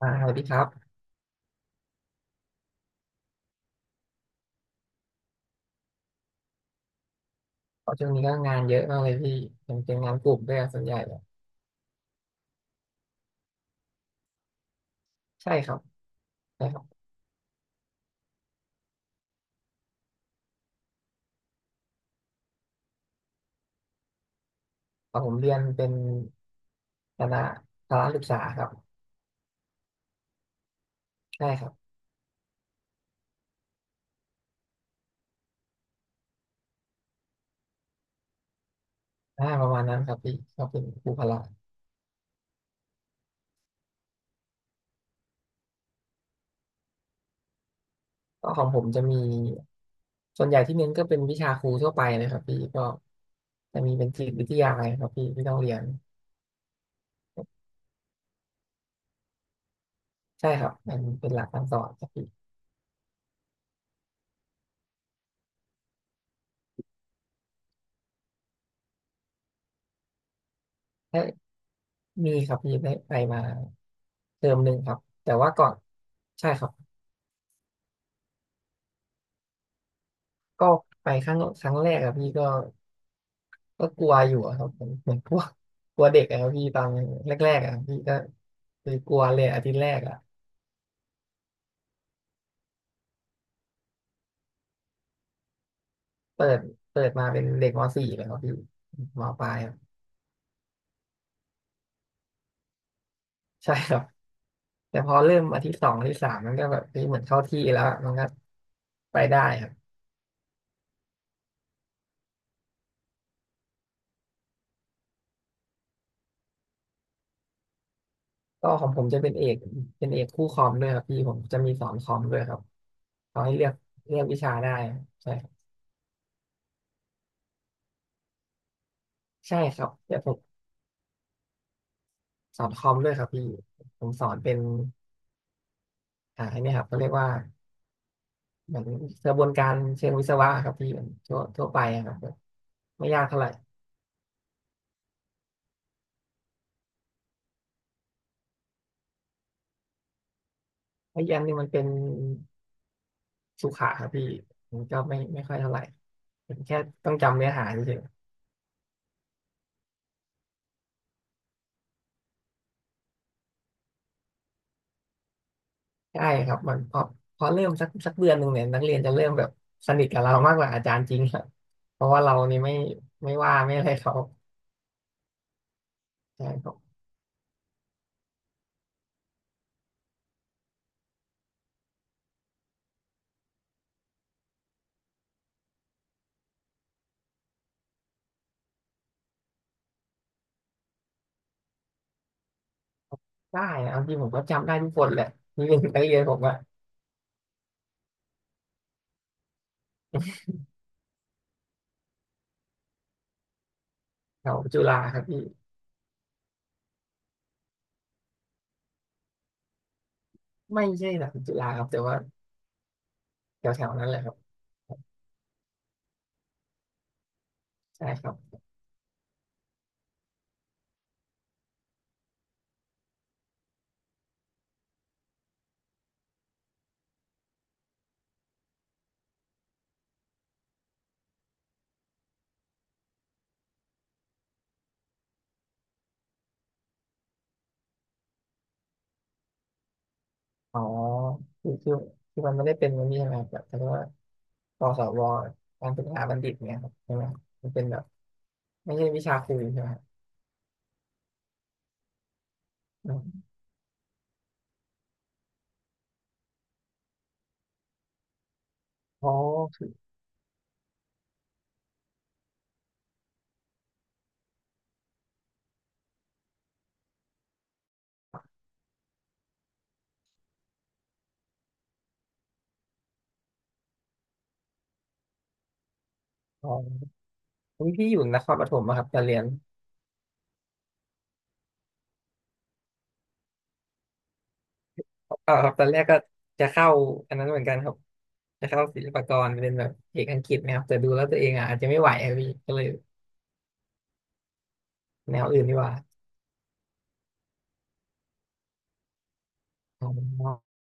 อ่าสวัสดีครับเพราะช่วงนี้ก็งานเยอะมากเลยพี่เป็นงานกลุ่มด้วยส่วนใหญ่เลยใช่ครับใช่ครับเอาผมเรียนเป็นคณะพละศึกษาครับใช่ครับอ่าประมาณนั้นครับพี่ก็เป็นครูพละก็ของผมจะมีส่วนใหญ่ที่เน้นก็เป็นวิชาครูทั่วไปเลยครับพี่ก็จะมีเป็นจิตวิทยาอะไรครับพี่ที่ต้องเรียนใช่ครับเป็นหลักการสอนครับพี่ได้มีครับพี่ได้ไปมาเทอมหนึ่งครับแต่ว่าก่อนใช่ครับ ก็ไปครั้งแรกอะพี่ก็ก็กลัวอยู่อะครับผมเหมือน พวกกลัวเด็กอะครับพี่ตอนแรกๆอะครับพี่ก็คือกลัวเลยอาทิตย์แรกอะเปิดมาเป็นเด็กม .4 เลยครับพี่มปลายครับใช่ครับแต่พอเริ่มอาทิตย์สองอาทิตย์สามมันก็แบบเฮ้ยเหมือนเข้าที่แล้วอะมันก็ไปได้ครับก็ของผมจะเป็นเอกเป็นเอกคู่คอมด้วยครับพี่ผมจะมีสอนคอมด้วยครับเขาให้เลือกเลือกวิชาได้ใช่ครับใช่ครับแต่ผมสอนคอมด้วยครับพี่ผมสอนเป็น อันเนี้ยครับเขาเรียกว่าเหมือนกระบวนการเชิงวิศวะครับที่มันทั่วไปอะครับแบบไม่ยากเท่าไหร่ไอ้ยันนี่มันเป็นสุขะครับพี่มันก็ไม่ค่อยเท่าไหร่เป็นแค่ต้องจำเนื้อหาเฉยๆใช่ครับมันพอพอเริ่มสักเดือนหนึ่งเนี่ยนักเรียนจะเริ่มแบบสนิทกับเรามากกว่าอาจารย์จริงครับเพราะว่าเรานี่ไม่ไม่ว่าไม่อะไรเขาใช่ครับได้นะเอาจริงผมก็จำได้ทุกคนแหละนี่เป็นนักเรียนผมอะแถวจุฬาครับพี่ไม่ใช่หลักจุฬาครับแต่ว่าแถวๆนั้นแหละครับ ใช่ครับอ๋อคือคือคือมันไม่ได้เป็นมันนี่ใช่ไหมครับแบบเขาเรียกว่าปสวการศึกษาบัณฑิตเนี่ยครับใช่ไหมครับมันเป็นแบบไม่ใช่วิชาครูใช่ไหมครับอมอ๋อคืออ๋ออุ๊ยพี่อยู่นครปฐมอะครับตอนเรียนเออครับตอนแรกก็จะเข้าอันนั้นเหมือนกันครับจะเข้าศิลปากรเป็นแบบเอกอังกฤษนะครับแต่ดูแล้วตัวเองอ่ะอาจจะไม่ไหวอะพี่ก็เลยแนวอื่นดีกว่าอ๋อ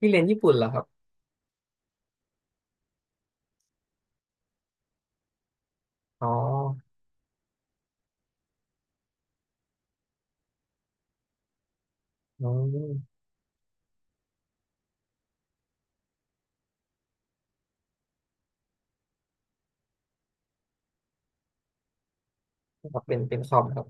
พี่เรียนญี่ปุ่นเหรอครับอ๋ออือครับเป็นคอมครับ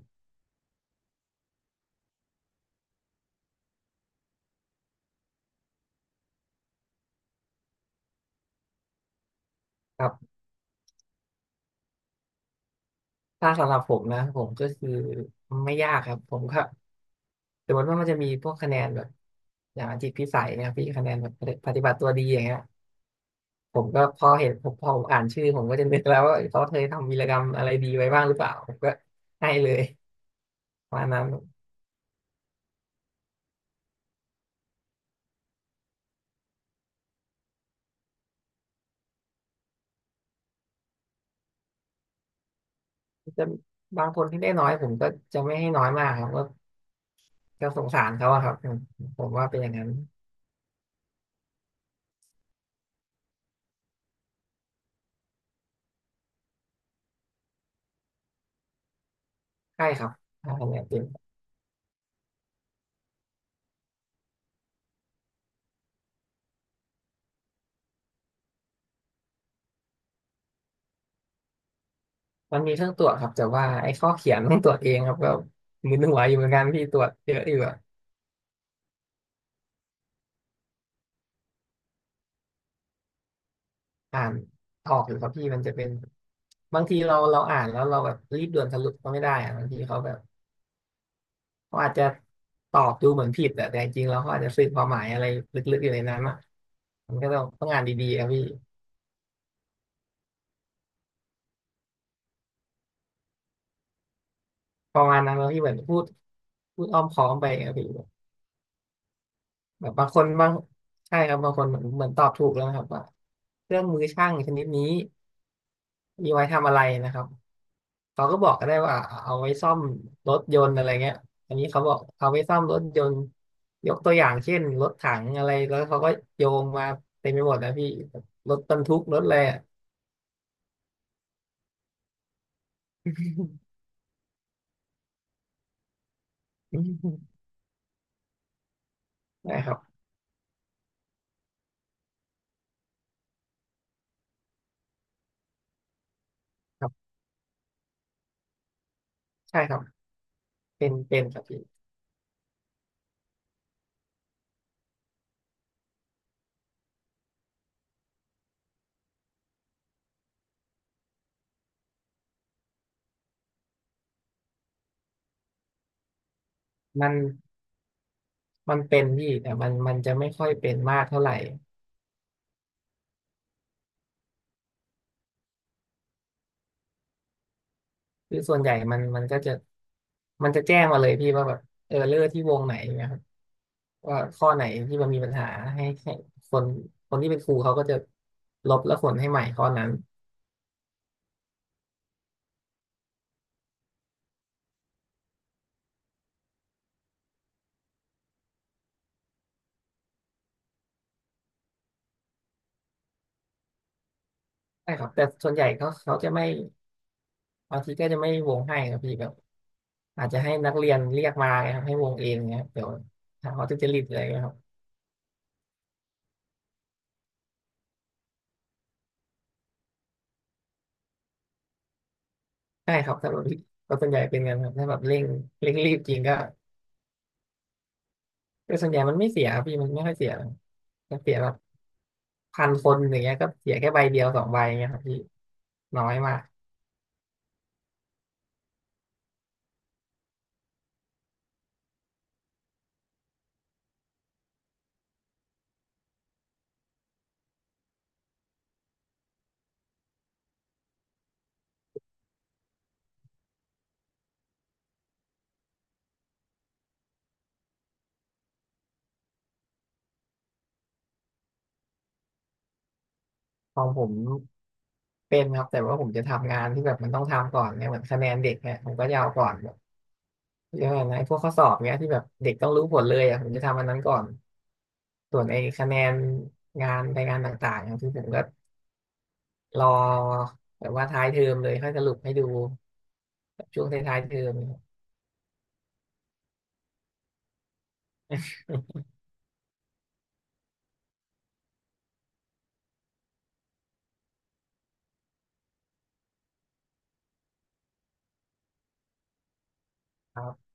ครับ ถ้าสำหรับผมนะผมก็คือไม่ยากครับผมก็สมมติว่ามันจะมีพวกคะแนนแบบอย่างจิตพิสัยเนะครับพี่คะแนนแบบปฏิบัติตัวดีอย่างเงี้ยผมก็พอเห็นผมอ่านชื่อผมก็จะนึกแล้วว่าเขาเคยทำวีรกรรมอะไรดีไว้บ้างหรือเปล่าผมก็ให้เลยประมาณนั้นจะบางคนที่ได้น้อยผมก็จะไม่ให้น้อยมากครับก็ก็สงสารเขาอะครับผมว่าเป็นอย่างนั้นใช่ครับถ้าคะแนนเต็มมันมีเครื่องตรวจครับแต่ว่าไอ้ข้อเขียนต้องตรวจเองครับก็มึนหัวอยู่เหมือนกันพี่ตรวจเยอะอยู่ อ่านออกอยู่ครับพี่มันจะเป็นบางทีเราเราอ่านแล้วเราแบบรีบด่วนสรุปก็ไม่ได้อะบางทีเขาแบบเขาอาจจะตอบดูเหมือนผิดแต่แต่จริงๆแล้วเขาอาจจะสื่อความหมายอะไรลึกๆอยู่ในนั้นอ่ะมันก็ต้องอ่านดีๆครับพี่ประมาณนั้นแล้วพี่เหมือนพูดพูดอ้อมค้อมไปครับพี่แบบบางคนบางใช่ครับบางคนเหมือนตอบถูกแล้วนะครับว่าเครื่องมือช่างชนิดนี้มีไว้ทำอะไรนะครับ เขาก็บอกก็ได้ว่าเอาไว้ซ่อมรถยนต์อะไรเงี้ยอันนี้เขาบอกเอาไว้ซ่อมรถยนต์ยกตัวอย่างเช่นรถถังอะไรแล้วเขาก็โยงมาเต็มไปหมดนะพี่รถบรรทุกรถอะไรอ่ะอืมนะครับครับใช่ครับเป็นครับพี่มันมันเป็นพี่แต่มันจะไม่ค่อยเป็นมากเท่าไหร่ คือส่วนใหญ่มันก็จะมันจะแจ้งมาเลยพี่ว่าแบบเออเลอร์ที่วงไหนนะครับว่าข้อไหนที่มันมีปัญหาให้ให้คนคนที่เป็นครูเขาก็จะลบแล้วขนให้ใหม่ข้อนั้นใช่ครับแต่ส่วนใหญ่เขาจะไม่บางทีก็จะไม่วงให้ครับพี่แบบอาจจะให้นักเรียนเรียกมาไงครับให้วงเองเงี้ยเดี๋ยวหาเขาจะจริตอะไรเงี้ยครับใช่ครับถ้าแบบก็ส่วนใหญ่เป็นกันครับถ้าแบบเร่งรีบจริงก็แต่ส่วนใหญ่มันไม่เสียครับพี่มันไม่ค่อยเสียหรอกจะเสียแบบ พันคนอย่างเงี้ยก็เสียแค่ใบเดียวสองใบเงี้ยครับพี่น้อยมากของผมเป็นครับแต่ว่าผมจะทำงานที่แบบมันต้องทำก่อนเนี่ยเหมือนคะแนนเด็กเนี่ยผมก็จะเอาก่อนแบบเรื่องอะไรพวกข้อสอบเนี้ยที่แบบเด็กต้องรู้ผลเลยอ่ะผมจะทำอันนั้นก่อนส่วนไอ้คะแนนงานไปงานต่างๆอย่างที่ผมก็รอแบบว่าท้ายเทอมเลยค่อยสรุปให้ดูแบบช่วงท้ายๆเทอมครับ